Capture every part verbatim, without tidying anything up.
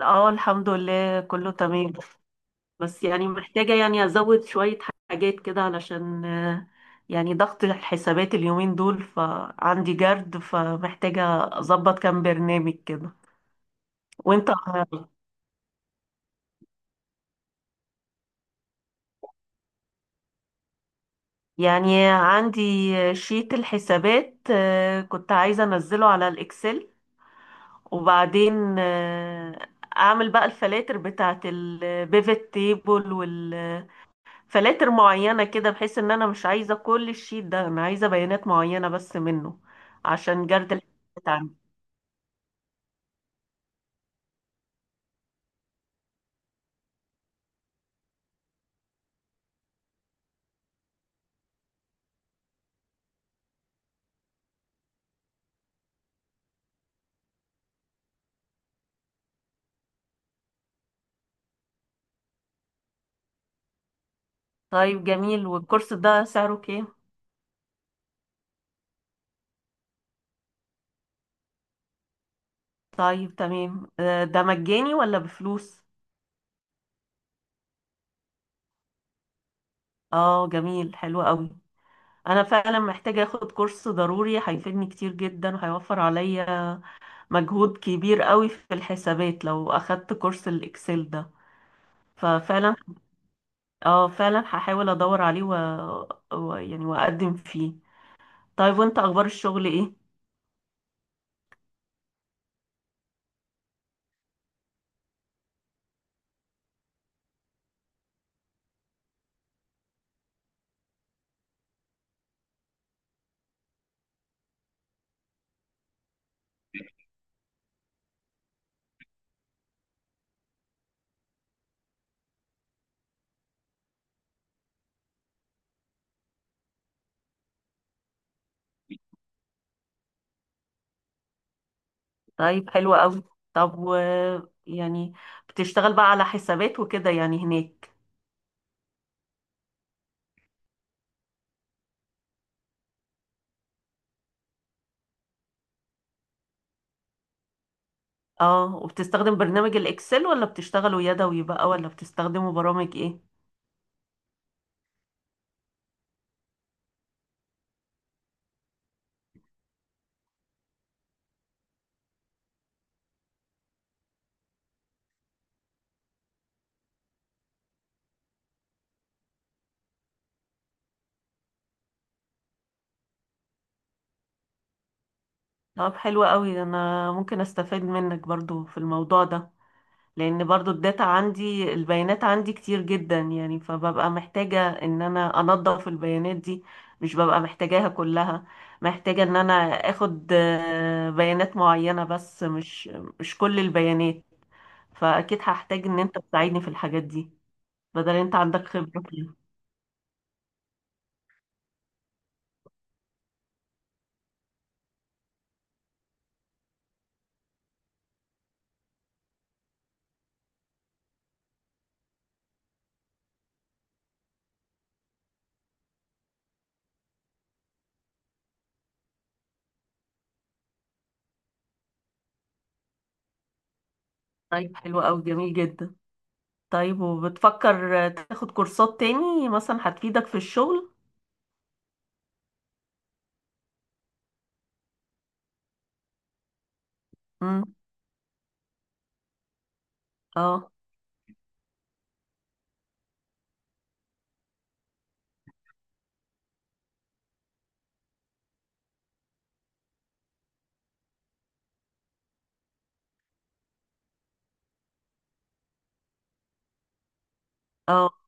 اه الحمد لله كله تمام. بس يعني محتاجة يعني أزود شوية حاجات كده علشان آه، يعني ضغط الحسابات اليومين دول، فعندي جرد فمحتاجة أظبط كام برنامج كده. وانت؟ آه، يعني عندي شيت الحسابات، آه، كنت عايزة أنزله على الإكسل، وبعدين آه، أعمل بقى الفلاتر بتاعت البيفت تيبل، فلاتر معينة كده بحيث ان انا مش عايزة كل الشيت ده، انا عايزة بيانات معينة بس منه عشان جرد الحسابات عندي. طيب جميل، والكورس ده سعره كام؟ طيب تمام، آه، ده مجاني ولا بفلوس؟ اه جميل، حلو قوي. انا فعلا محتاجة اخد كورس ضروري، هيفيدني كتير جدا وهيوفر عليا مجهود كبير قوي في الحسابات لو اخدت كورس الاكسل ده. ففعلا اه فعلا هحاول ادور عليه و... و... يعني واقدم فيه. طيب وانت اخبار الشغل ايه؟ طيب حلو قوي. طب و يعني بتشتغل بقى على حسابات وكده يعني هناك؟ اه، وبتستخدم برنامج الاكسل ولا بتشتغله يدوي بقى، ولا بتستخدمه برامج ايه؟ طب حلو قوي، انا ممكن استفاد منك برضو في الموضوع ده، لان برضو الداتا عندي، البيانات عندي كتير جدا يعني، فببقى محتاجة ان انا انظف البيانات دي، مش ببقى محتاجاها كلها. محتاجة ان انا اخد آه، بيانات معينة بس، مش مش كل البيانات. فاكيد هحتاج ان انت تساعدني في الحاجات دي، بدل انت عندك خبرة فيها. طيب حلو قوي، جميل جدا. طيب وبتفكر آه، تاخد كورسات تاني مثلا هتفيدك في الشغل؟ امم. اه اه.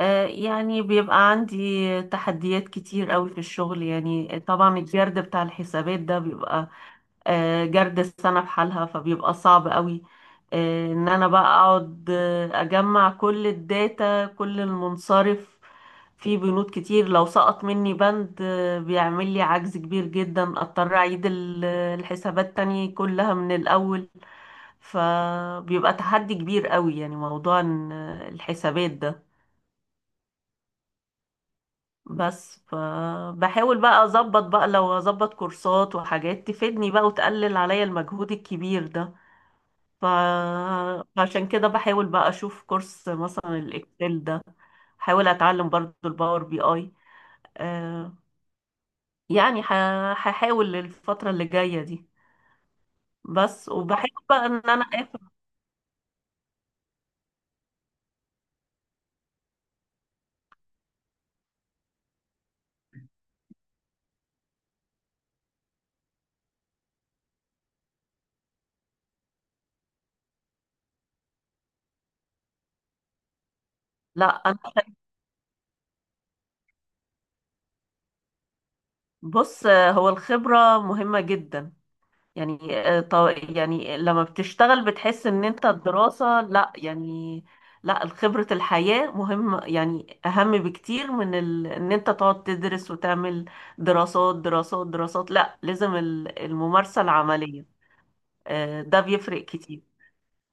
آه، يعني بيبقى عندي تحديات كتير قوي في الشغل، يعني طبعا الجرد بتاع الحسابات ده بيبقى آه، جرد السنة بحالها فبيبقى صعب قوي. آه، ان انا بقى اقعد آه، اجمع كل الداتا كل المنصرف، في بنود كتير، لو سقط مني بند آه، بيعمل لي عجز كبير جدا، اضطر اعيد ال- الحسابات تاني كلها من الاول. فبيبقى تحدي كبير قوي يعني، موضوع إن آه، الحسابات ده. بس فبحاول بقى اظبط، بقى لو اظبط كورسات وحاجات تفيدني بقى وتقلل عليا المجهود الكبير ده. ف... فعشان كده بحاول بقى اشوف كورس مثلا الاكسل ده، حاول اتعلم برضو الباور بي اي. آه، يعني ح- هحاول الفترة اللي جاية دي بس. وبحاول بقى ان انا اخد. لا انا، بص، آه، هو الخبرة مهمة جدا يعني. آه، طو- يعني لما بتشتغل بتحس ان انت الدراسة لا يعني، لا خبرة الحياة مهم يعني اهم بكتير من ال... ان انت تقعد تدرس وتعمل دراسات دراسات دراسات. لا لازم ال- الممارسة العملية. آه، ده بيفرق كتير.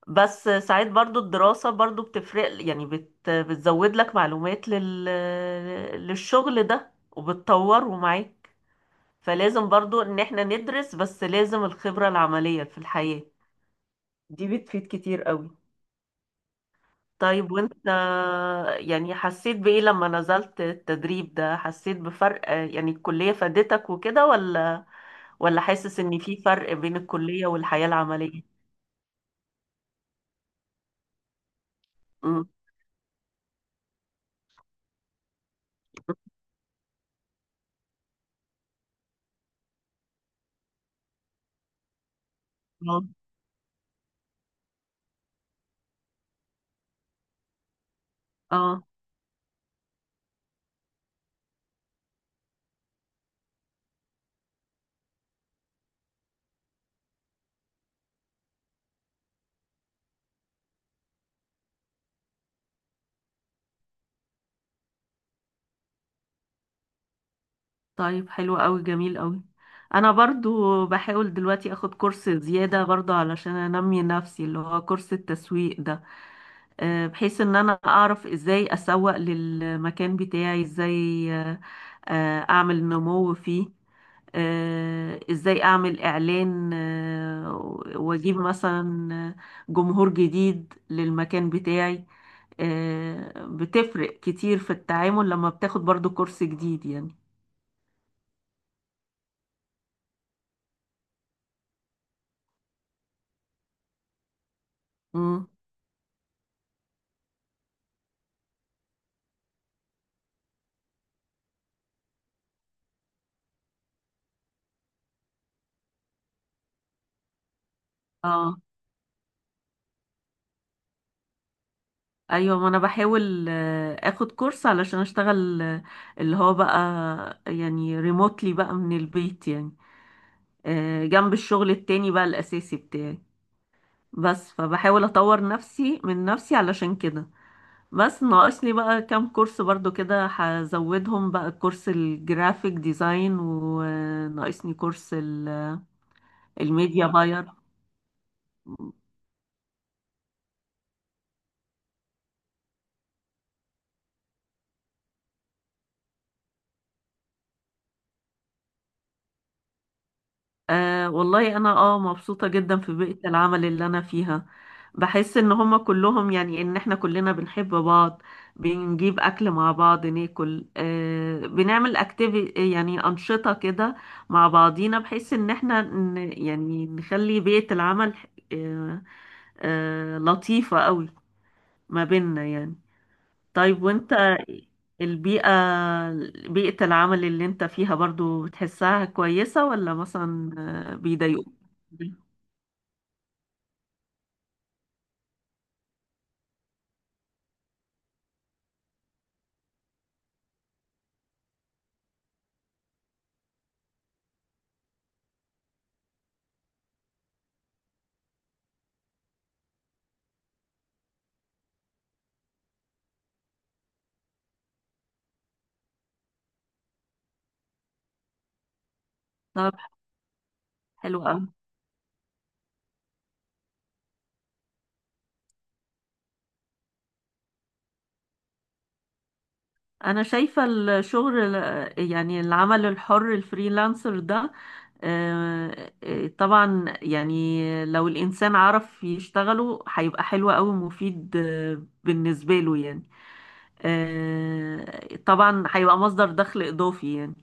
بس ساعات برضو الدراسة برضو بتفرق يعني، بت... بتزود لك معلومات لل... للشغل ده وبتطوره معاك. فلازم برضو ان احنا ندرس، بس لازم الخبرة العملية في الحياة دي بتفيد كتير قوي. طيب وانت، يعني حسيت بإيه لما نزلت التدريب ده؟ حسيت بفرق يعني الكلية فادتك وكده، ولا ولا حاسس ان في فرق بين الكلية والحياة العملية؟ امم. اه. آه. طيب حلو قوي، جميل قوي. انا برضو بحاول دلوقتي اخد كورس زيادة برضو علشان انمي نفسي، اللي هو كورس التسويق ده، آه، بحيث ان انا اعرف ازاي اسوق للمكان بتاعي، ازاي آه، آه، اعمل نمو فيه، آه، ازاي اعمل اعلان، آه، واجيب مثلا جمهور جديد للمكان بتاعي. آه، بتفرق كتير في التعامل لما بتاخد برضو كورس جديد يعني. مم. اه ايوه، ما انا بحاول آه، اخد كورس علشان اشتغل، آه، اللي هو بقى يعني ريموتلي بقى من البيت يعني، آه، جنب الشغل التاني بقى الاساسي بتاعي. بس فبحاول اطور نفسي من نفسي علشان كده. بس ناقصني بقى كام كورس برضو كده هزودهم بقى: كورس الجرافيك ديزاين، وناقصني كورس ال- الميديا باير. آه والله انا اه مبسوطة جدا في بيئة العمل اللي انا فيها. بحس ان هما كلهم يعني، ان احنا كلنا بنحب بعض، بنجيب اكل مع بعض ناكل، آه، بنعمل اكتيفي يعني انشطة كده مع بعضينا، بحيث ان احنا ن- يعني نخلي بيئة العمل آه آه لطيفة قوي ما بيننا يعني. طيب وانت، البيئة، بيئة العمل اللي انت فيها برضو بتحسها كويسة، ولا مثلا آه، بيضايقوك؟ طب حلو قوي. انا شايفة الشغل، آه، يعني العمل الحر الفريلانسر ده، آه، آه، طبعا يعني لو الانسان عرف يشتغله هيبقى حلو قوي ومفيد آه، بالنسبة له يعني. آه، طبعا هيبقى مصدر دخل اضافي يعني.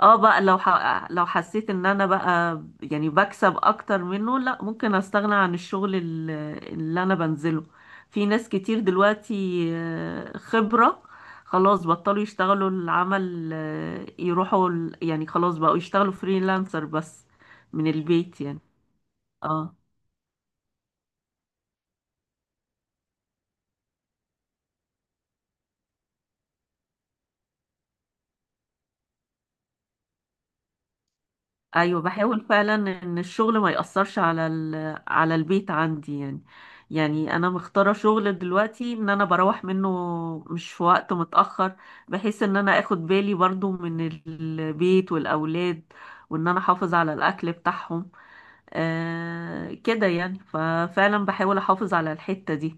اه بقى لو ح... لو حسيت ان انا بقى يعني بكسب اكتر منه، لا ممكن استغنى عن الشغل ال- اللي انا بنزله. في ناس كتير دلوقتي آه، خبرة، خلاص بطلوا يشتغلوا العمل، آه، يروحوا ال- يعني خلاص بقوا يشتغلوا فريلانسر بس من البيت يعني. اه ايوه بحاول فعلا ان الشغل ما يأثرش على ال... على البيت عندي يعني. يعني انا مختاره شغل دلوقتي ان انا بروح منه مش في وقت متأخر، بحيث ان انا اخد بالي برضو من البيت والاولاد، وان انا احافظ على الاكل بتاعهم. آه كده يعني، ففعلا بحاول احافظ على الحتة دي.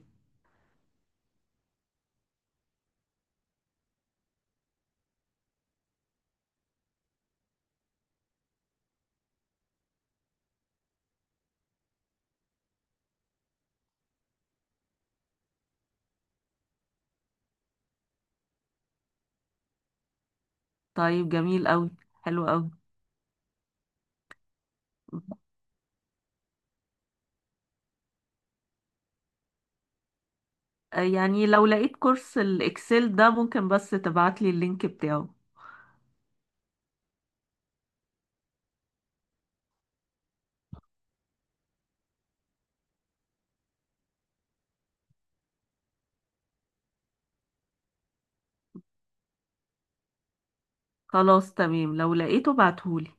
طيب جميل قوي، حلو قوي. يعني لو لقيت كورس الاكسل ده ممكن بس تبعتلي اللينك بتاعه. خلاص تمام لو لقيته بعتهولي.